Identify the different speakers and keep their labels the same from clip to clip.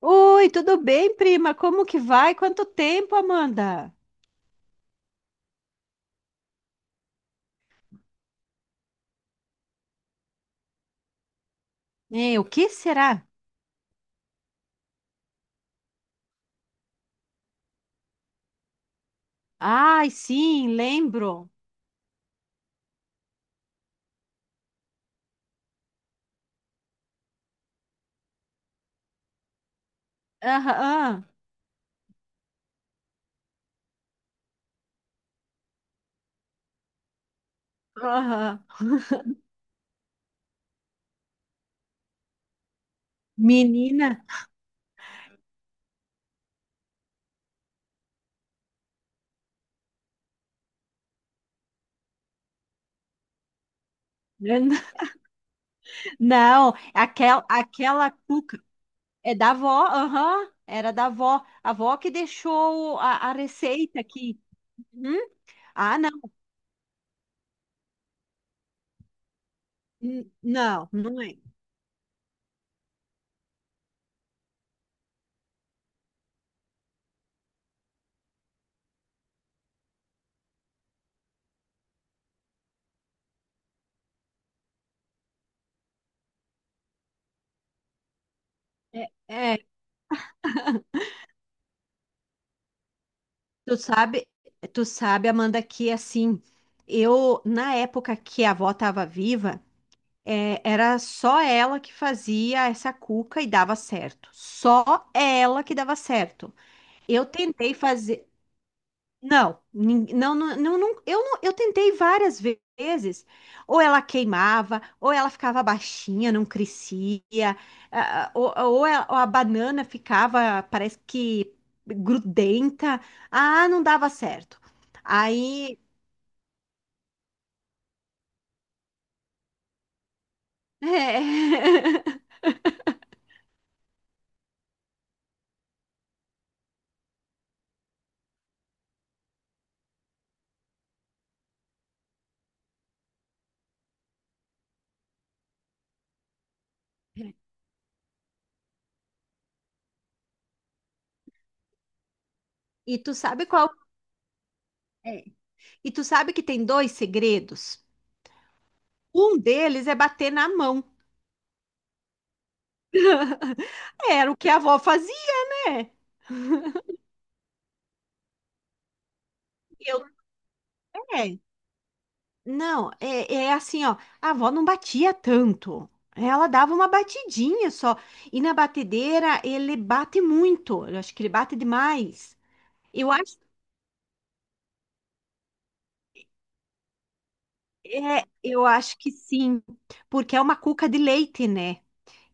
Speaker 1: Oi, tudo bem, prima? Como que vai? Quanto tempo, Amanda? É, o que será? Ai, sim, lembro. Aham, aham. Menina. Não, aquela cuca é da avó, aham, era da avó. A avó que deixou a receita aqui. Hum? Ah, não, não, não é. É, é, tu sabe, tu sabe, Amanda, que assim, eu, na época que a avó estava viva, é, era só ela que fazia essa cuca e dava certo. Só ela que dava certo. Eu tentei fazer. Não, eu tentei várias vezes. Ou ela queimava, ou ela ficava baixinha, não crescia, ou a banana ficava, parece que grudenta. Ah, não dava certo. Aí. E tu sabe qual. É, e tu sabe que tem dois segredos? Um deles é bater na mão. Era o que a avó fazia, né? Eu é. Não, é assim, ó. A avó não batia tanto. Ela dava uma batidinha só. E na batedeira ele bate muito. Eu acho que ele bate demais. Eu acho, eu acho que sim, porque é uma cuca de leite, né?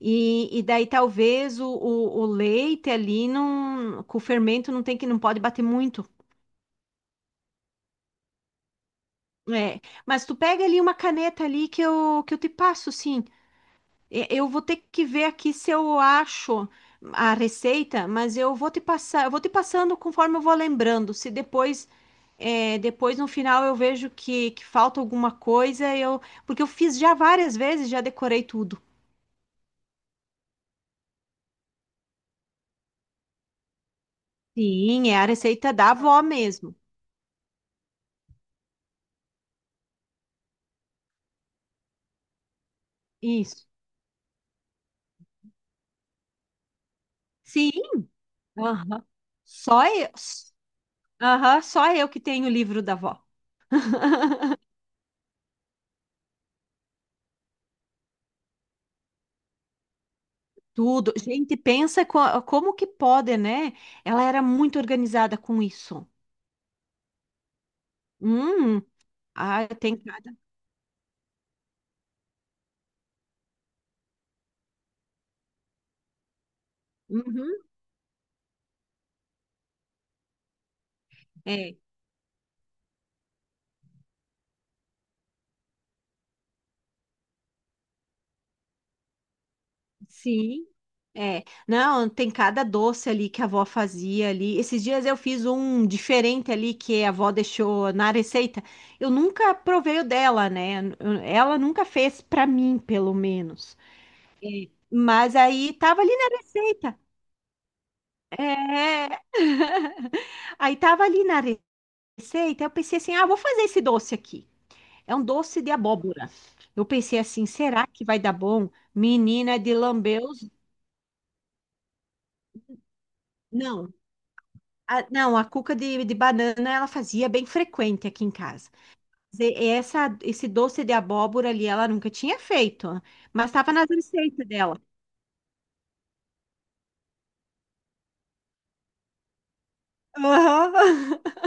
Speaker 1: E daí talvez o leite ali não, com o fermento não tem que não pode bater muito. É, mas tu pega ali uma caneta ali que eu te passo, sim. Eu vou ter que ver aqui se eu acho a receita, mas eu vou te passar, eu vou te passando conforme eu vou lembrando. Se depois, depois no final eu vejo que falta alguma coisa, eu, porque eu fiz já várias vezes, já decorei tudo. Sim, é a receita da avó mesmo. Isso. Sim. Aham. Só eu, aham, só eu que tenho o livro da avó. Tudo. Gente, pensa como que pode, né? Ela era muito organizada com isso. Hum, ah, tem cada. Uhum, é, sim, é. Não, tem cada doce ali que a avó fazia ali. Esses dias eu fiz um diferente ali que a avó deixou na receita. Eu nunca provei o dela, né? Ela nunca fez para mim, pelo menos. É, mas aí tava ali na receita. É. Aí tava ali na, pensei, então eu pensei assim, ah, vou fazer esse doce aqui. É um doce de abóbora. Eu pensei assim, será que vai dar bom? Menina de lambeus. Não, a cuca de banana ela fazia bem frequente aqui em casa. Esse doce de abóbora ali ela nunca tinha feito, mas estava nas receitas dela. Aham.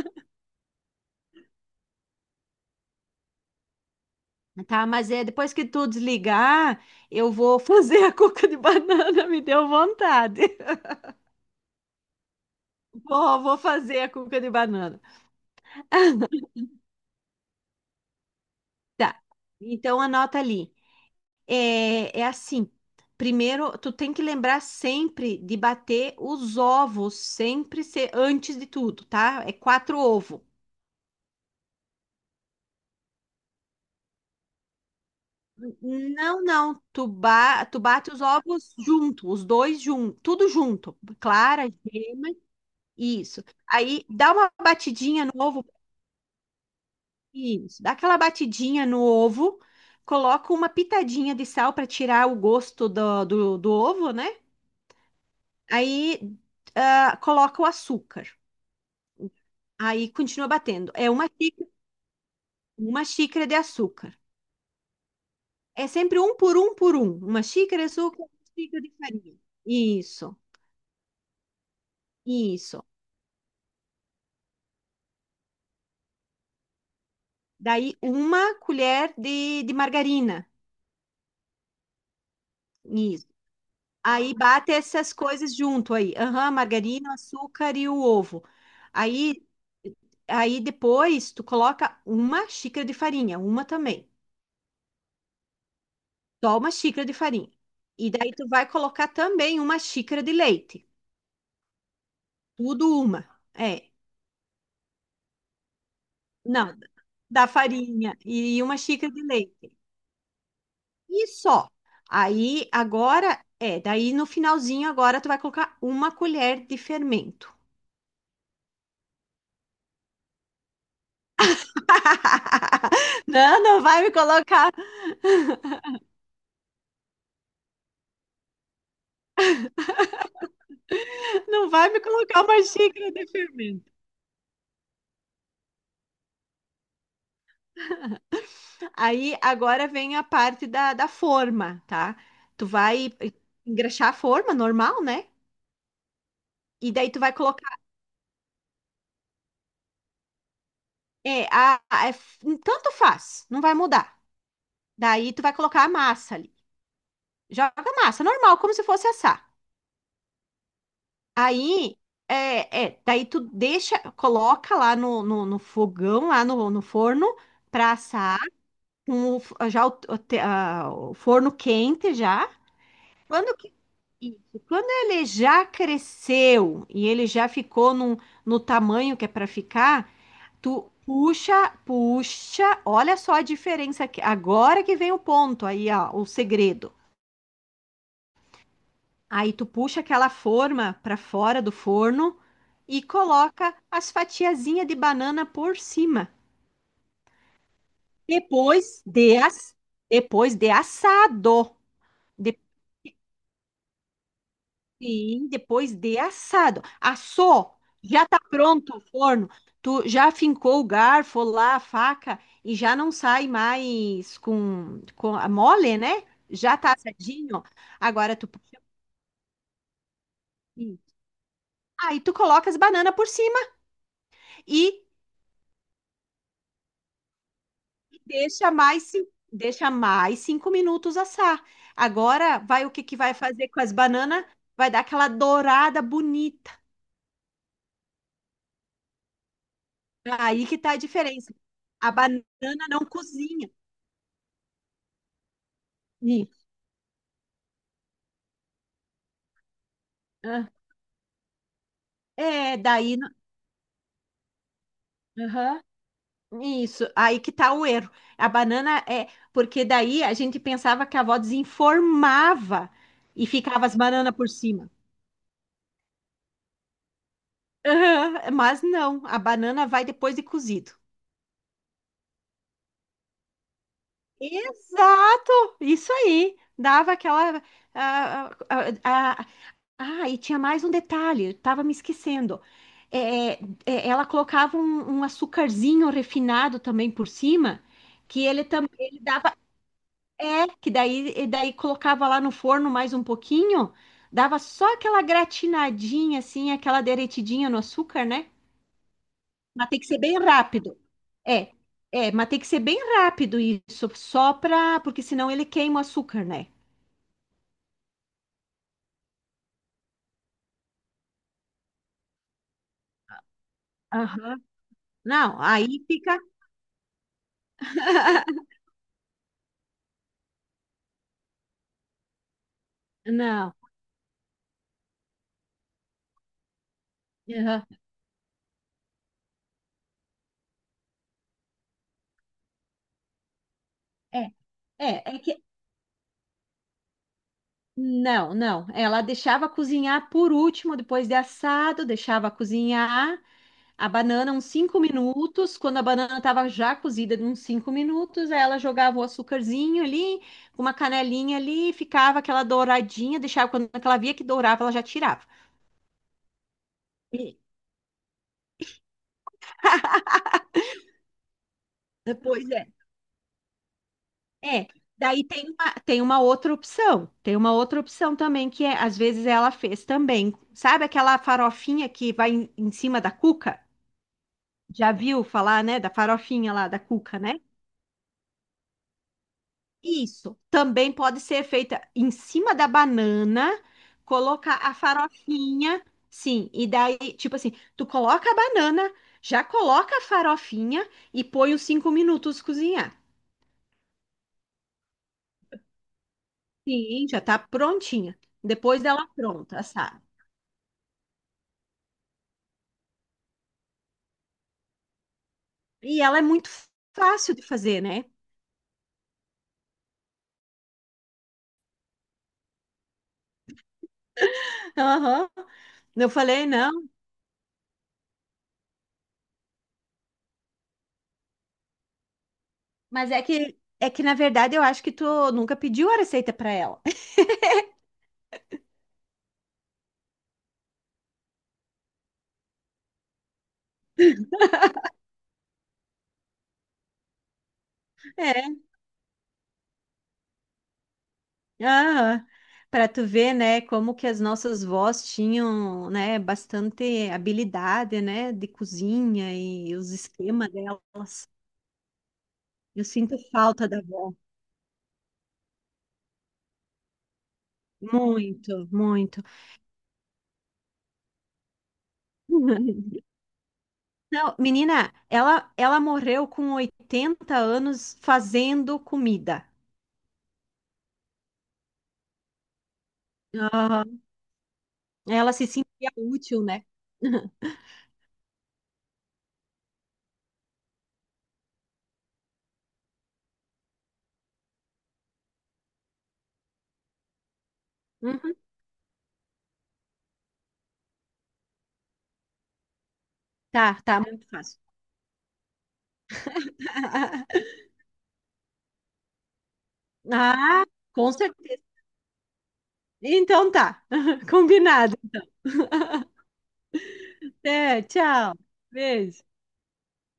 Speaker 1: Tá, mas é depois que tu desligar, eu vou fazer a cuca de banana, me deu vontade. Vou fazer a cuca de banana. Tá. Então anota ali. É assim. Primeiro, tu tem que lembrar sempre de bater os ovos, sempre ser antes de tudo, tá? É quatro ovos. Não, não. Tu bate os ovos junto, os dois junto, tudo junto. Clara, gema, isso. Aí dá uma batidinha no ovo, isso. Dá aquela batidinha no ovo, coloca uma pitadinha de sal para tirar o gosto do ovo, né? Aí, coloca o açúcar. Aí continua batendo. É uma xícara de açúcar. É sempre um por um por um. Uma xícara de açúcar, uma xícara de farinha. Isso, isso. Daí uma colher de margarina. Isso. Aí bate essas coisas junto aí. Aham, margarina, açúcar e o ovo. Aí, aí depois tu coloca uma xícara de farinha, uma também. Só uma xícara de farinha. E daí tu vai colocar também uma xícara de leite. Tudo uma. É, não, da farinha e uma xícara de leite. E só. Aí agora daí no finalzinho agora tu vai colocar uma colher de fermento. Não, não vai me colocar uma xícara de fermento. Aí agora vem a parte da forma, tá? Tu vai engraxar a forma normal, né? E daí tu vai colocar. É tanto faz, não vai mudar. Daí tu vai colocar a massa ali. Joga a massa, normal, como se fosse assar. Aí, daí tu deixa, coloca lá no fogão, lá no forno, pra assar, com o, f- já o te- a- o forno quente já. Quando, que- isso, quando ele já cresceu e ele já ficou no tamanho que é pra ficar, tu puxa, puxa, olha só a diferença aqui. Agora que vem o ponto aí, ó, o segredo. Aí tu puxa aquela forma para fora do forno e coloca as fatiazinhas de banana por cima. Depois de, as, depois de assado. Sim, depois de assado. Assou, já tá pronto o forno. Tu já fincou o garfo lá, a faca, e já não sai mais com a mole, né? Já tá assadinho. Agora tu puxa aqui. Aí tu coloca as bananas por cima e deixa mais, cin- deixa mais cinco minutos assar. Agora vai o que que vai fazer com as bananas? Vai dar aquela dourada bonita. Aí que tá a diferença. A banana não cozinha. Ah, é, daí, aham, isso, aí que tá o erro. A banana é. Porque daí a gente pensava que a avó desinformava e ficava as bananas por cima. Aham, mas não, a banana vai depois de cozido. Exato! Isso aí. Dava aquela. Ah, ah, ah, ah, e tinha mais um detalhe, eu tava me esquecendo. É, é, é, ela colocava um açucarzinho refinado também por cima, que ele também é, que daí, e daí colocava lá no forno mais um pouquinho, dava só aquela gratinadinha assim, aquela derretidinha no açúcar, né? Mas tem que ser bem rápido. É, mas tem que ser bem rápido isso, só pra, porque senão ele queima o açúcar, né? Aham. Não, aí fica. Não. Aham. É, é que. Não, não. Ela deixava cozinhar por último, depois de assado, deixava cozinhar. A banana, uns 5 minutos, quando a banana estava já cozida, uns 5 minutos, aí ela jogava o açúcarzinho ali, uma canelinha ali, ficava aquela douradinha, deixava, quando ela via que dourava, ela já tirava. E- Pois é. É. Daí tem uma, tem uma outra opção também, que é, às vezes ela fez também. Sabe aquela farofinha que vai em cima da cuca? Já viu falar, né, da farofinha lá da cuca, né? Isso também pode ser feita em cima da banana, colocar a farofinha, sim, e daí, tipo assim, tu coloca a banana, já coloca a farofinha e põe os 5 minutos cozinhar. Sim, já tá prontinha. Depois dela pronta, sabe? E ela é muito fácil de fazer, né? Aham. Eu falei, não, mas é que na verdade eu acho que tu nunca pediu a receita para ela. Ah, para tu ver, né, como que as nossas vós tinham, né, bastante habilidade, né, de cozinha e os esquemas delas. Eu sinto falta da avó. Muito, muito. Não, menina, ela morreu com 80 anos fazendo comida. Aham. Ela se sentia útil, né? Uhum. Tá, tá, muito fácil. Ah, com certeza. Então tá, combinado. Até, tchau. Beijo.